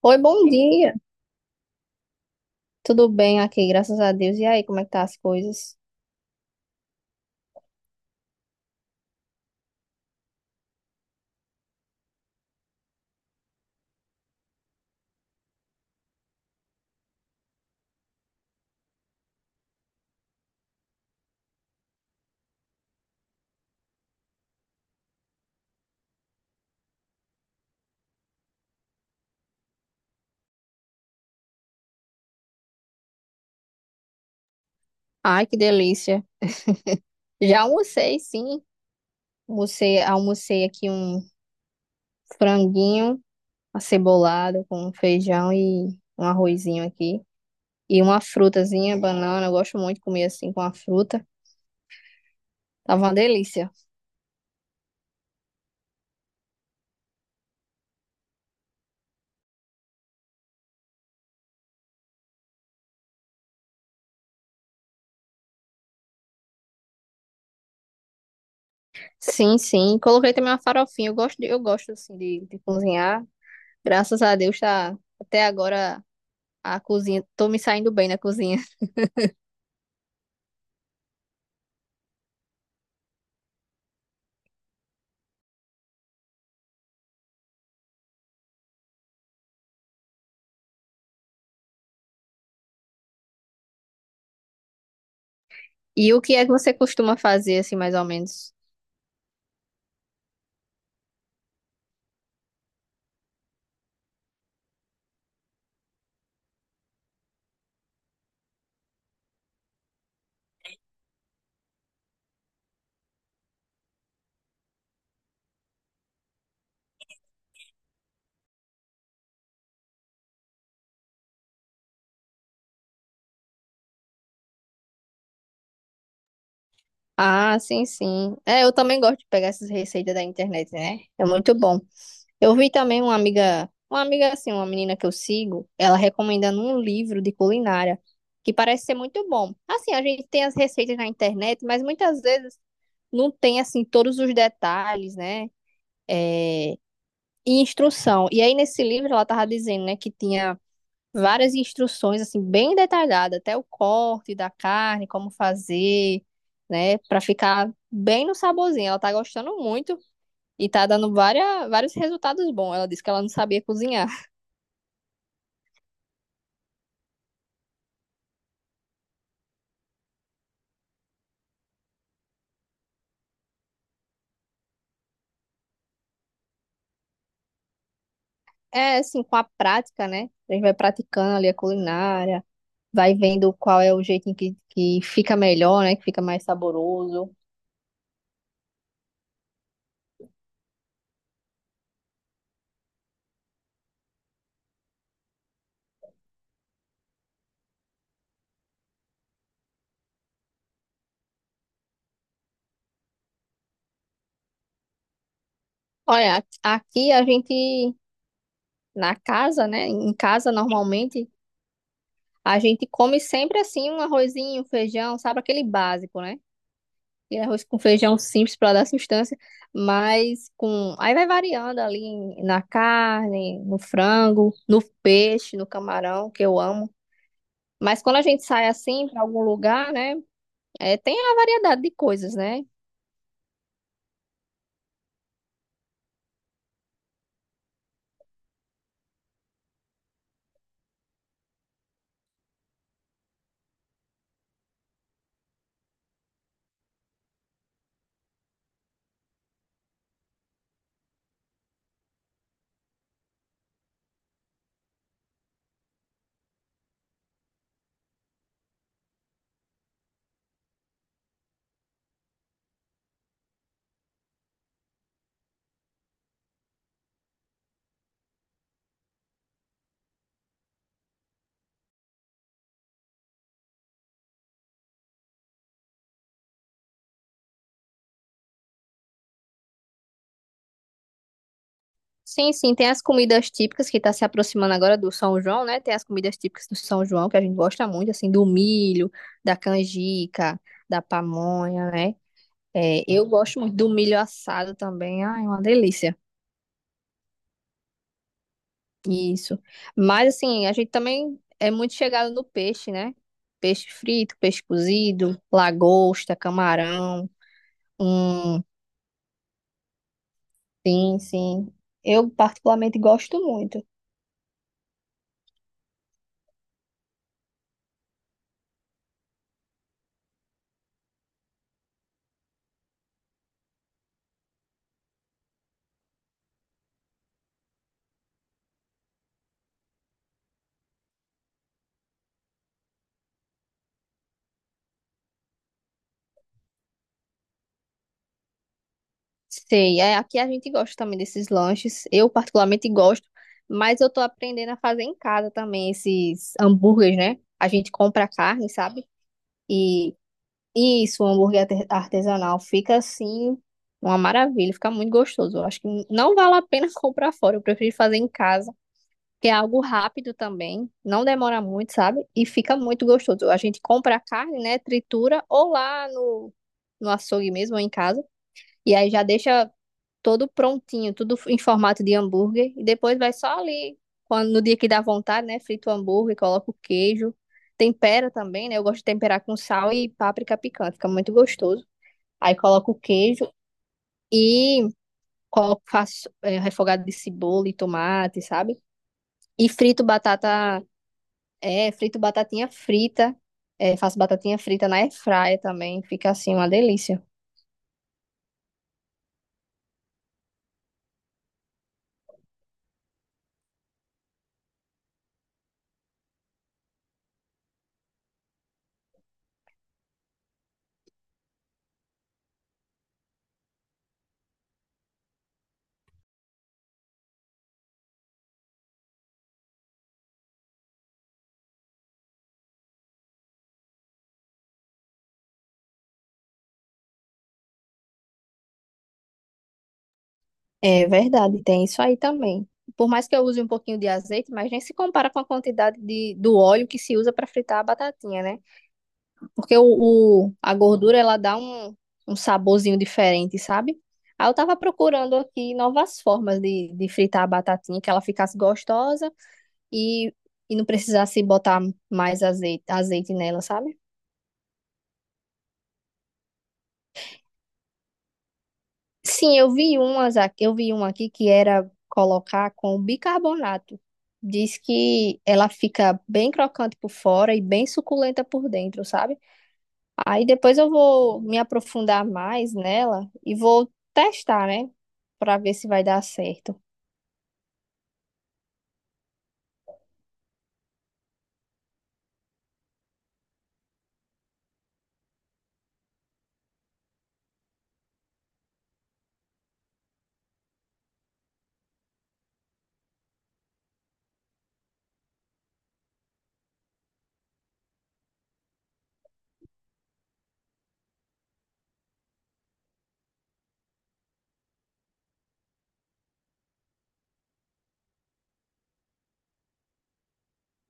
Oi, bom dia. Tudo bem aqui, graças a Deus. E aí, como é que tá as coisas? Ai, que delícia. Já almocei, sim. Almocei aqui um franguinho acebolado com feijão e um arrozinho aqui. E uma frutazinha, banana. Eu gosto muito de comer assim com a fruta. Tava uma delícia. Sim, sim. Coloquei também uma farofinha. Eu eu gosto assim de cozinhar. Graças a Deus, tá até agora a cozinha. Tô me saindo bem na cozinha. E o que é que você costuma fazer, assim, mais ou menos? Ah, sim, sim. É, eu também gosto de pegar essas receitas da internet, né? É muito bom. Eu vi também uma amiga assim, uma menina que eu sigo, ela recomendando um livro de culinária que parece ser muito bom. Assim, a gente tem as receitas na internet, mas muitas vezes não tem, assim, todos os detalhes, né? E instrução. E aí, nesse livro, ela tava dizendo, né, que tinha várias instruções assim bem detalhadas, até o corte da carne, como fazer, né, para ficar bem no saborzinho. Ela tá gostando muito e tá dando vários resultados bons. Ela disse que ela não sabia cozinhar. É assim, com a prática, né? A gente vai praticando ali a culinária, vai vendo qual é o jeito que fica melhor, né, que fica mais saboroso. Olha, aqui a gente na casa, né, em casa normalmente a gente come sempre assim um arrozinho, um feijão, sabe? Aquele básico, né? Aquele arroz com feijão simples para dar sustância, mas com. Aí vai variando ali na carne, no frango, no peixe, no camarão, que eu amo. Mas quando a gente sai assim para algum lugar, né? É, tem a variedade de coisas, né? Sim, sim, tem as comidas típicas que está se aproximando agora do São João, né? Tem as comidas típicas do São João que a gente gosta muito, assim, do milho, da canjica, da pamonha, né? É, eu gosto muito do milho assado também. Ai, uma delícia. Isso. Mas assim, a gente também é muito chegado no peixe, né? Peixe frito, peixe cozido, lagosta, camarão. Hum, sim, sim. Eu particularmente gosto muito. Sei, é, aqui a gente gosta também desses lanches. Eu particularmente gosto, mas eu tô aprendendo a fazer em casa também esses hambúrgueres, né? A gente compra a carne, sabe? E isso, um hambúrguer artesanal fica assim uma maravilha, fica muito gostoso. Eu acho que não vale a pena comprar fora, eu prefiro fazer em casa, que é algo rápido também, não demora muito, sabe? E fica muito gostoso. A gente compra a carne, né, tritura ou lá no açougue mesmo ou em casa, e aí já deixa todo prontinho, tudo em formato de hambúrguer. E depois vai só ali, quando, no dia que dá vontade, né? Frita o hambúrguer, coloca o queijo. Tempera também, né? Eu gosto de temperar com sal e páprica picante, fica muito gostoso. Aí coloco o queijo e coloco, refogado de cebola e tomate, sabe? E frito batata, é, frito batatinha frita. É, faço batatinha frita na airfryer também, fica assim uma delícia. É verdade, tem isso aí também. Por mais que eu use um pouquinho de azeite, mas nem se compara com a quantidade do óleo que se usa para fritar a batatinha, né? Porque a gordura ela dá um, um saborzinho diferente, sabe? Aí eu tava procurando aqui novas formas de fritar a batatinha, que ela ficasse gostosa e, e não precisasse botar mais azeite, azeite nela, sabe? Sim, eu vi umas aqui, eu vi uma aqui que era colocar com bicarbonato. Diz que ela fica bem crocante por fora e bem suculenta por dentro, sabe? Aí depois eu vou me aprofundar mais nela e vou testar, né? Pra ver se vai dar certo.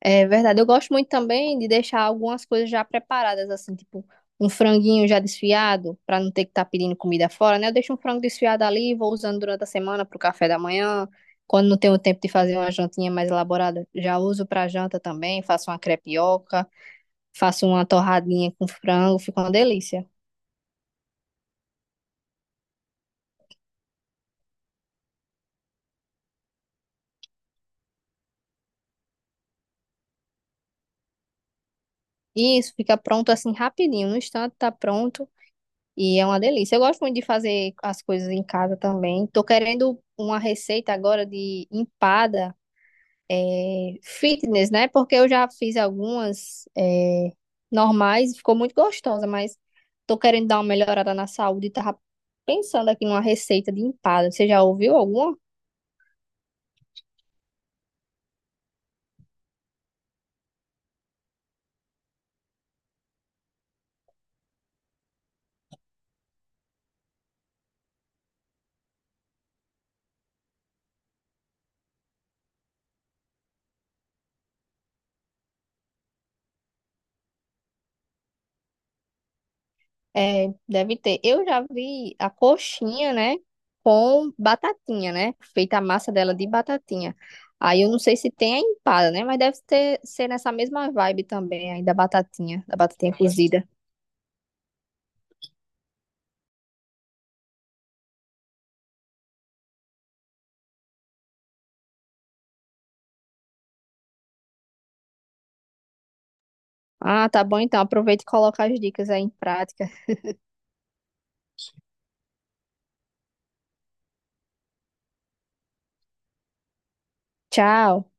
É verdade. Eu gosto muito também de deixar algumas coisas já preparadas, assim, tipo um franguinho já desfiado, para não ter que estar pedindo comida fora, né? Eu deixo um frango desfiado ali, vou usando durante a semana para o café da manhã. Quando não tenho tempo de fazer uma jantinha mais elaborada, já uso para janta também. Faço uma crepioca, faço uma torradinha com frango, fica uma delícia. E isso fica pronto assim rapidinho, no instante tá pronto e é uma delícia. Eu gosto muito de fazer as coisas em casa também. Tô querendo uma receita agora de empada. É, fitness, né? Porque eu já fiz normais, ficou muito gostosa, mas tô querendo dar uma melhorada na saúde e tava pensando aqui numa receita de empada. Você já ouviu alguma? É, deve ter. Eu já vi a coxinha, né? Com batatinha, né? Feita a massa dela de batatinha. Aí eu não sei se tem a empada, né? Mas deve ter, ser nessa mesma vibe também, aí da batatinha cozida. Ah, tá bom então. Aproveita e coloca as dicas aí em prática. Tchau.